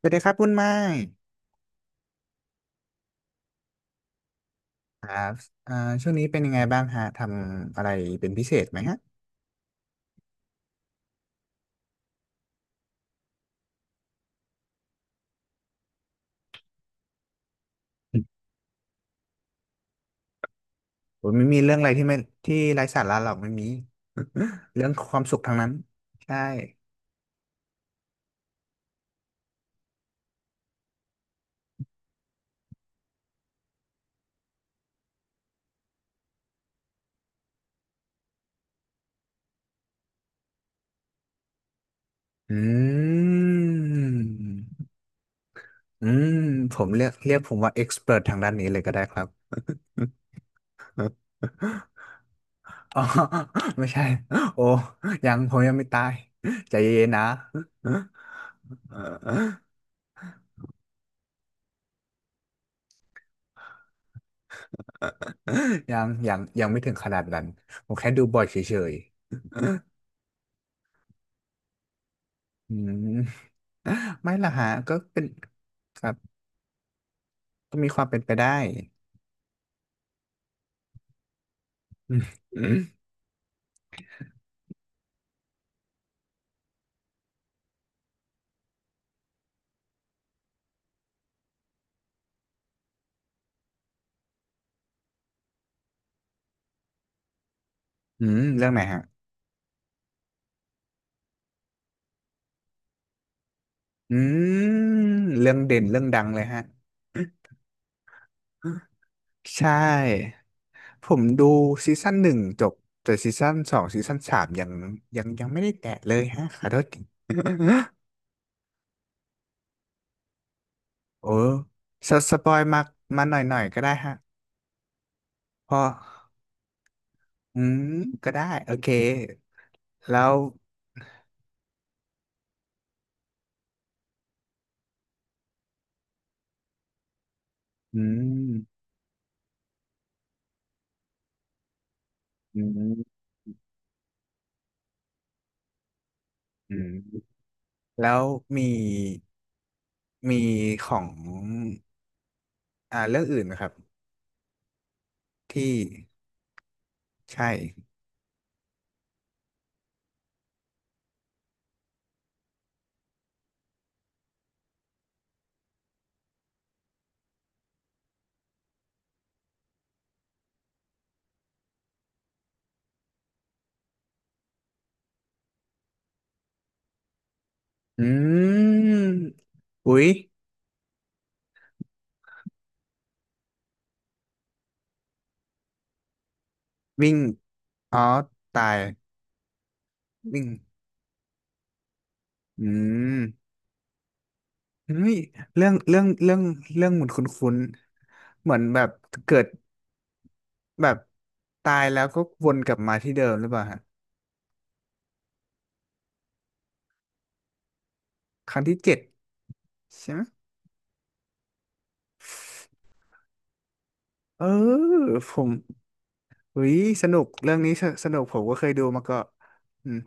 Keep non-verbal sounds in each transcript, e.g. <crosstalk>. สวัสดีครับคุณไม้ครับอ่าช่วงนี้เป็นยังไงบ้างฮะทำอะไรเป็นพิเศษไหมฮะผมไม่มีเรื่องอะไรที่ไร้สาระหรอกไม่มี <laughs> เรื่องความสุขทั้งนั้น ใช่ อืม อืม ผมเรียกผมว่าเอ็กซ์เพรททางด้านนี้เลยก็ได้ครับ <laughs> อ๋อ ไม่ใช่ โอ้ผมยังไม่ตายใจเย็นๆนะ <laughs> ยังไม่ถึงขนาดนั้นผมแค่ดูบ่อยเฉย อืมไม่ละฮะก็เป็นครับก็มีความเป็นไปได้อืมอืมเรื่องไหนฮะอืมเรื่องเด่นเรื่องดังเลยฮะใช่ผมดูซีซั่นหนึ่งจบแต่ซีซั่นสองซีซั่นสามยังไม่ได้แตะเลยฮะขอโทษที <laughs> โอ้สปอยมาหน่อยหน่อยก็ได้ฮะเพออืมก็ได้โอเคแล้วอืมอืมอืมแล้วมี มีของเรื่องอื่นนะครับที่ใช่อืมอุ๊ยวิ่งอ๋อตายวิ่งอืมเฮ้ยเรื่องเรื่องเรื่องเรื่องเหมือนคุ้นๆเหมือนแบบเกิดแบบตายแล้วก็วนกลับมาที่เดิมหรือเปล่าฮะครั้งที่เจ็ดใช่ไหมเออผมอุ้ยสนุกเรื่องนี้สนุกผมก็เคยดูมาก็อืม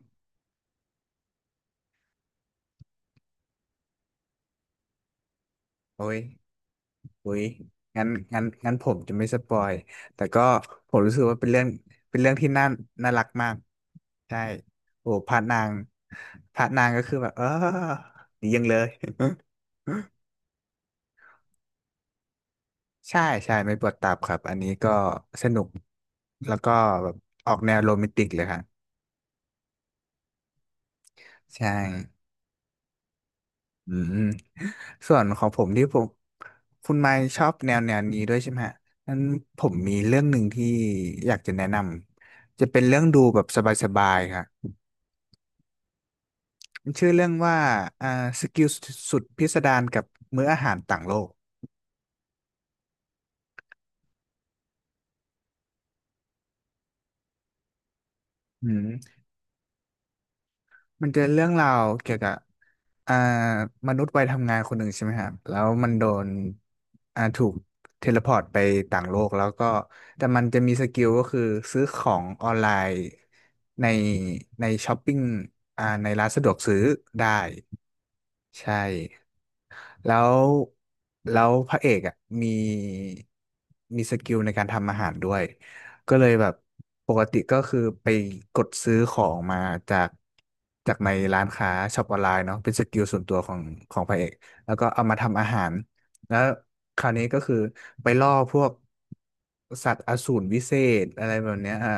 โอ้ย อุ้ยงั้นงั้นผมจะไม่สปอยแต่ก็ผมรู้สึกว่าเป็นเรื่องที่น่าน่ารักมากใช่โอ้พระนางก็คือแบบเออดียังเลยใช่ใช่ไม่ปวดตับครับอันนี้ก็สนุกแล้วก็แบบออกแนวโรแมนติกเลยครับใช่อืมส่วนของผมคุณไมค์ชอบแนวนี้ด้วยใช่ไหมฮะนั้นผมมีเรื่องหนึ่งที่อยากจะแนะนำจะเป็นเรื่องดูแบบสบายๆครับ มันชื่อเรื่องว่าอ่าสกิลสุดพิสดารกับมื้ออาหารต่างโลกอืมมันจะเรื่องราวเกี่ยวกับอ่ามนุษย์วัยทำงานคนหนึ่งใช่ไหมครับแล้วมันโดนถูกเทเลพอร์ตไปต่างโลกแล้วก็ แต่มันจะมีสกิลก็คือซื้อของออนไลน์ในในช้อปปิ้งในร้านสะดวกซื้อได้ ใช่ แล้วแล้วพระเอกอ่ะมีมีสกิลในการทำอาหารด้วยก็เลยแบบปกติก็คือไปกดซื้อของมาจากจากในร้านค้าช็อปออนไลน์เนาะเป็นสกิลส่วนตัวของพระเอกแล้วก็เอามาทำอาหาร แล้วคราวนี้ก็คือไปล่อพวกสัตว์อสูรวิเศษอะไรแบบเนี้ยฮะ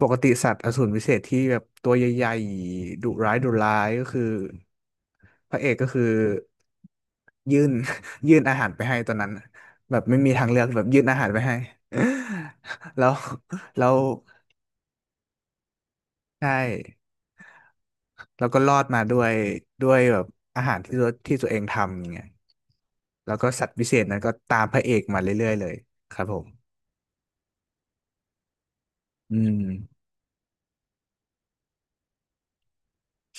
ปกติสัตว์อสูรวิเศษที่แบบตัวใหญ่ๆดุร้ายดุร้ายก็คือพระเอกก็คือยื่น <laughs> ยื่นอาหารไปให้ตอนนั้นแบบไม่มีทางเลือกแบบยื่นอาหารไปให้ <laughs> แล้วแล้วใช่ แล้วก็รอดมาด้วยแบบอาหารที่ตัวเองทำอย่างเงี้ยแล้วก็สัตว์วิเศษนั้นก็ตามพระเอกมาเรื่อยๆเลยครับผมอืม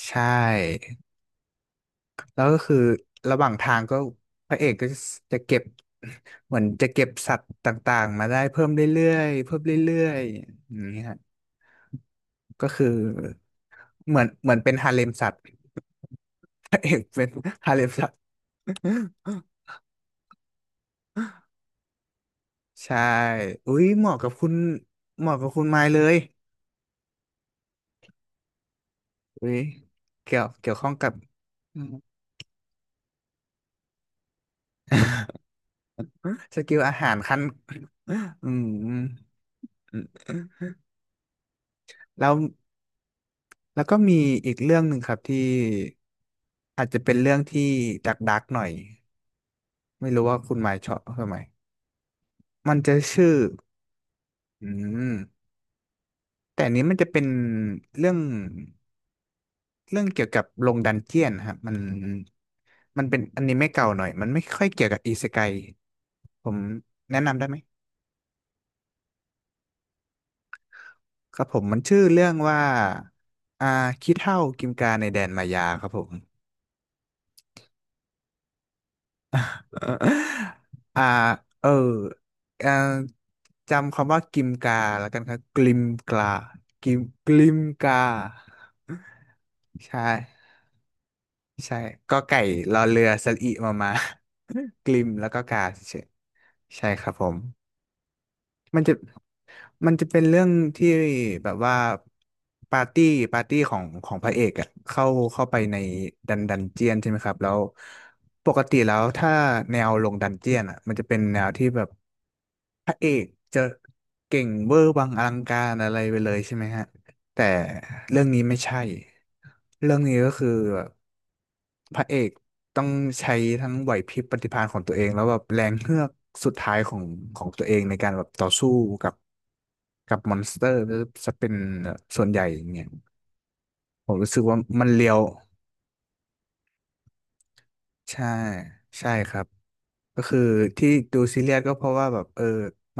ใช่แล้วก็คือระหว่างทางก็พระเอกก็จะเก็บ <laughs> เหมือนจะเก็บสัตว์ต่างๆมาได้เพิ่มเรื่อยๆเพิ่มเรื่อยๆอย่างนี้ฮะก็คือเหมือนเป็นฮาเลมสัตว์พระเอกเป็นฮาเลมสัตว์ <laughs> ใช่อุ้ยเหมาะกับคุณไมค์เลย อุ้ยเกี่ยวข้องกับอืมสกิลอาหารขั้นอืมอืมอืมแล้วก็มีอีกเรื่องหนึ่งครับที่อาจจะเป็นเรื่องที่ดักดักหน่อยไม่รู้ว่าคุณหมายชอบทำไมมันจะชื่ออืมแต่อันนี้มันจะเป็นเรื่องเรื่องเกี่ยวกับลงดันเจียนครับมันเป็นอนิเมะเก่าหน่อยมันไม่ค่อยเกี่ยวกับอิเซไกผมแนะนำได้ไหม ครับผมมันชื่อเรื่องว่าอ่าขี้เถ้ากิมกาในแดนมายาครับผม <laughs> อ่าเออเอ่อจำคำว่ากิมกาแล้วกันครับกิมกากิมกิมกาใช่ใช่ก็ไก่รอเรือสระอิมามา <laughs> กลิมแล้วก็กาเฉยใช่ครับผมมันจะ มันจะเป็นเรื่องที่แบบว่าปาร์ตี้ปาร์ตี้ของพระเอกอะเข้าไปในดันเจียนใช่ไหมครับแล้วปกติแล้วถ้าแนวลงดันเจียนอะมันจะเป็นแนวที่แบบพระเอกจะเก่งเวอร์วังอลังการอะไรไปเลยใช่ไหมฮะแต่เรื่องนี้ไม่ใช่เรื่องนี้ก็คือแบบพระเอกต้องใช้ทั้งไหวพริบปฏิภาณของตัวเองแล้วแบบแรงเฮือกสุดท้ายของตัวเองในการแบบต่อสู้กับ กับมอนสเตอร์จะเป็นส่วนใหญ่อย่างเงี้ยผมรู้สึกว่ามันเลียวใช่ใช่ครับก็คือที่ดูซีเรียสก็เพราะว่าแบบเออ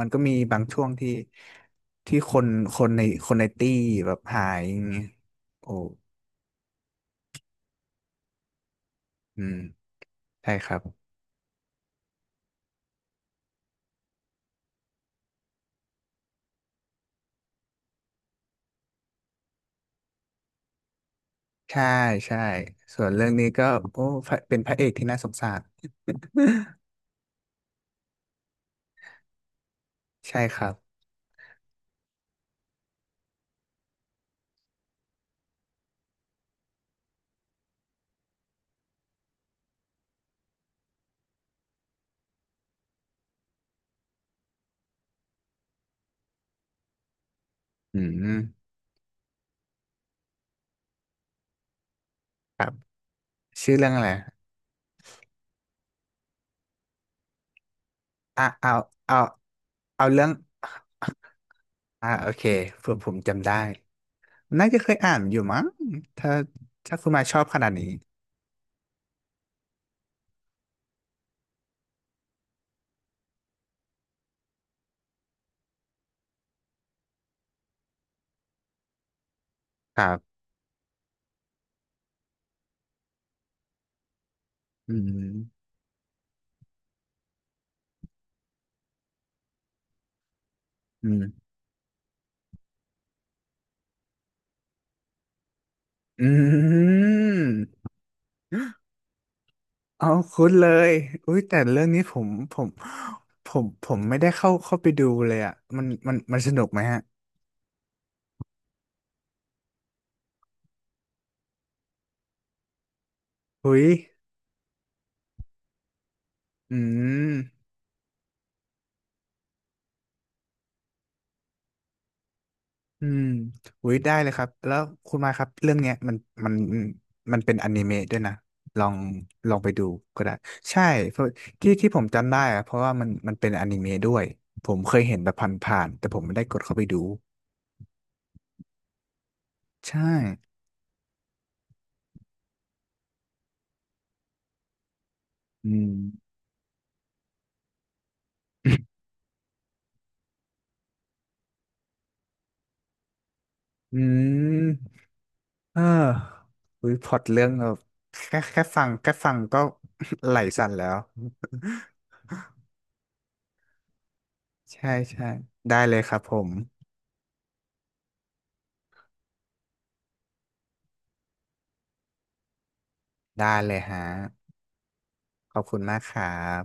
มันก็มีบางช่วงที่คนคนในคนในตี้แบบหายอย่างเงี้ยโอ้อืมใช่ครับใช่ใช่ส่วนเรื่องนี้ก็โอ้พระเป็นพระเอกที่น่าสงสารใช่ครับอืมครับชื่อเรื่องอะไรอ่ะเอาเอาเรื่องโอเคเผื่อผมจำได้ น่าจะเคยอ่านอยู่มั้งถ้าคุณมาชอบขนาดนี้ครับอืมอืมอืมเอาคุ้นเลยอุ้ยแต่เรื่องนี้ผมไม่ได้เข้าไปดูเลยอ่ะมันสนุกไหมฮะอุ้ยอืม อืมอุ้ยได้เลยครับ แล้วคุณมาครับเรื่องเนี้ยมันมันเป็นอนิเมะด้วยนะลองลองไปดูก็ได้ใช่เพราะที่ผมจำได้อะเพราะว่ามันเป็นอนิเมะด้วยผมเคยเห็นแบบผ่านๆแต่ผมไม่ได้กดเข้าไปดูใช่อืมอืมเอออุ้ยพล็อตเรื่องแบบแค่ฟังก็ <laughs> ไหลสั่นแล้ว <laughs> ใช่ใช่ได้เลยครับผมได้เลยฮะขอบคุณมากครับ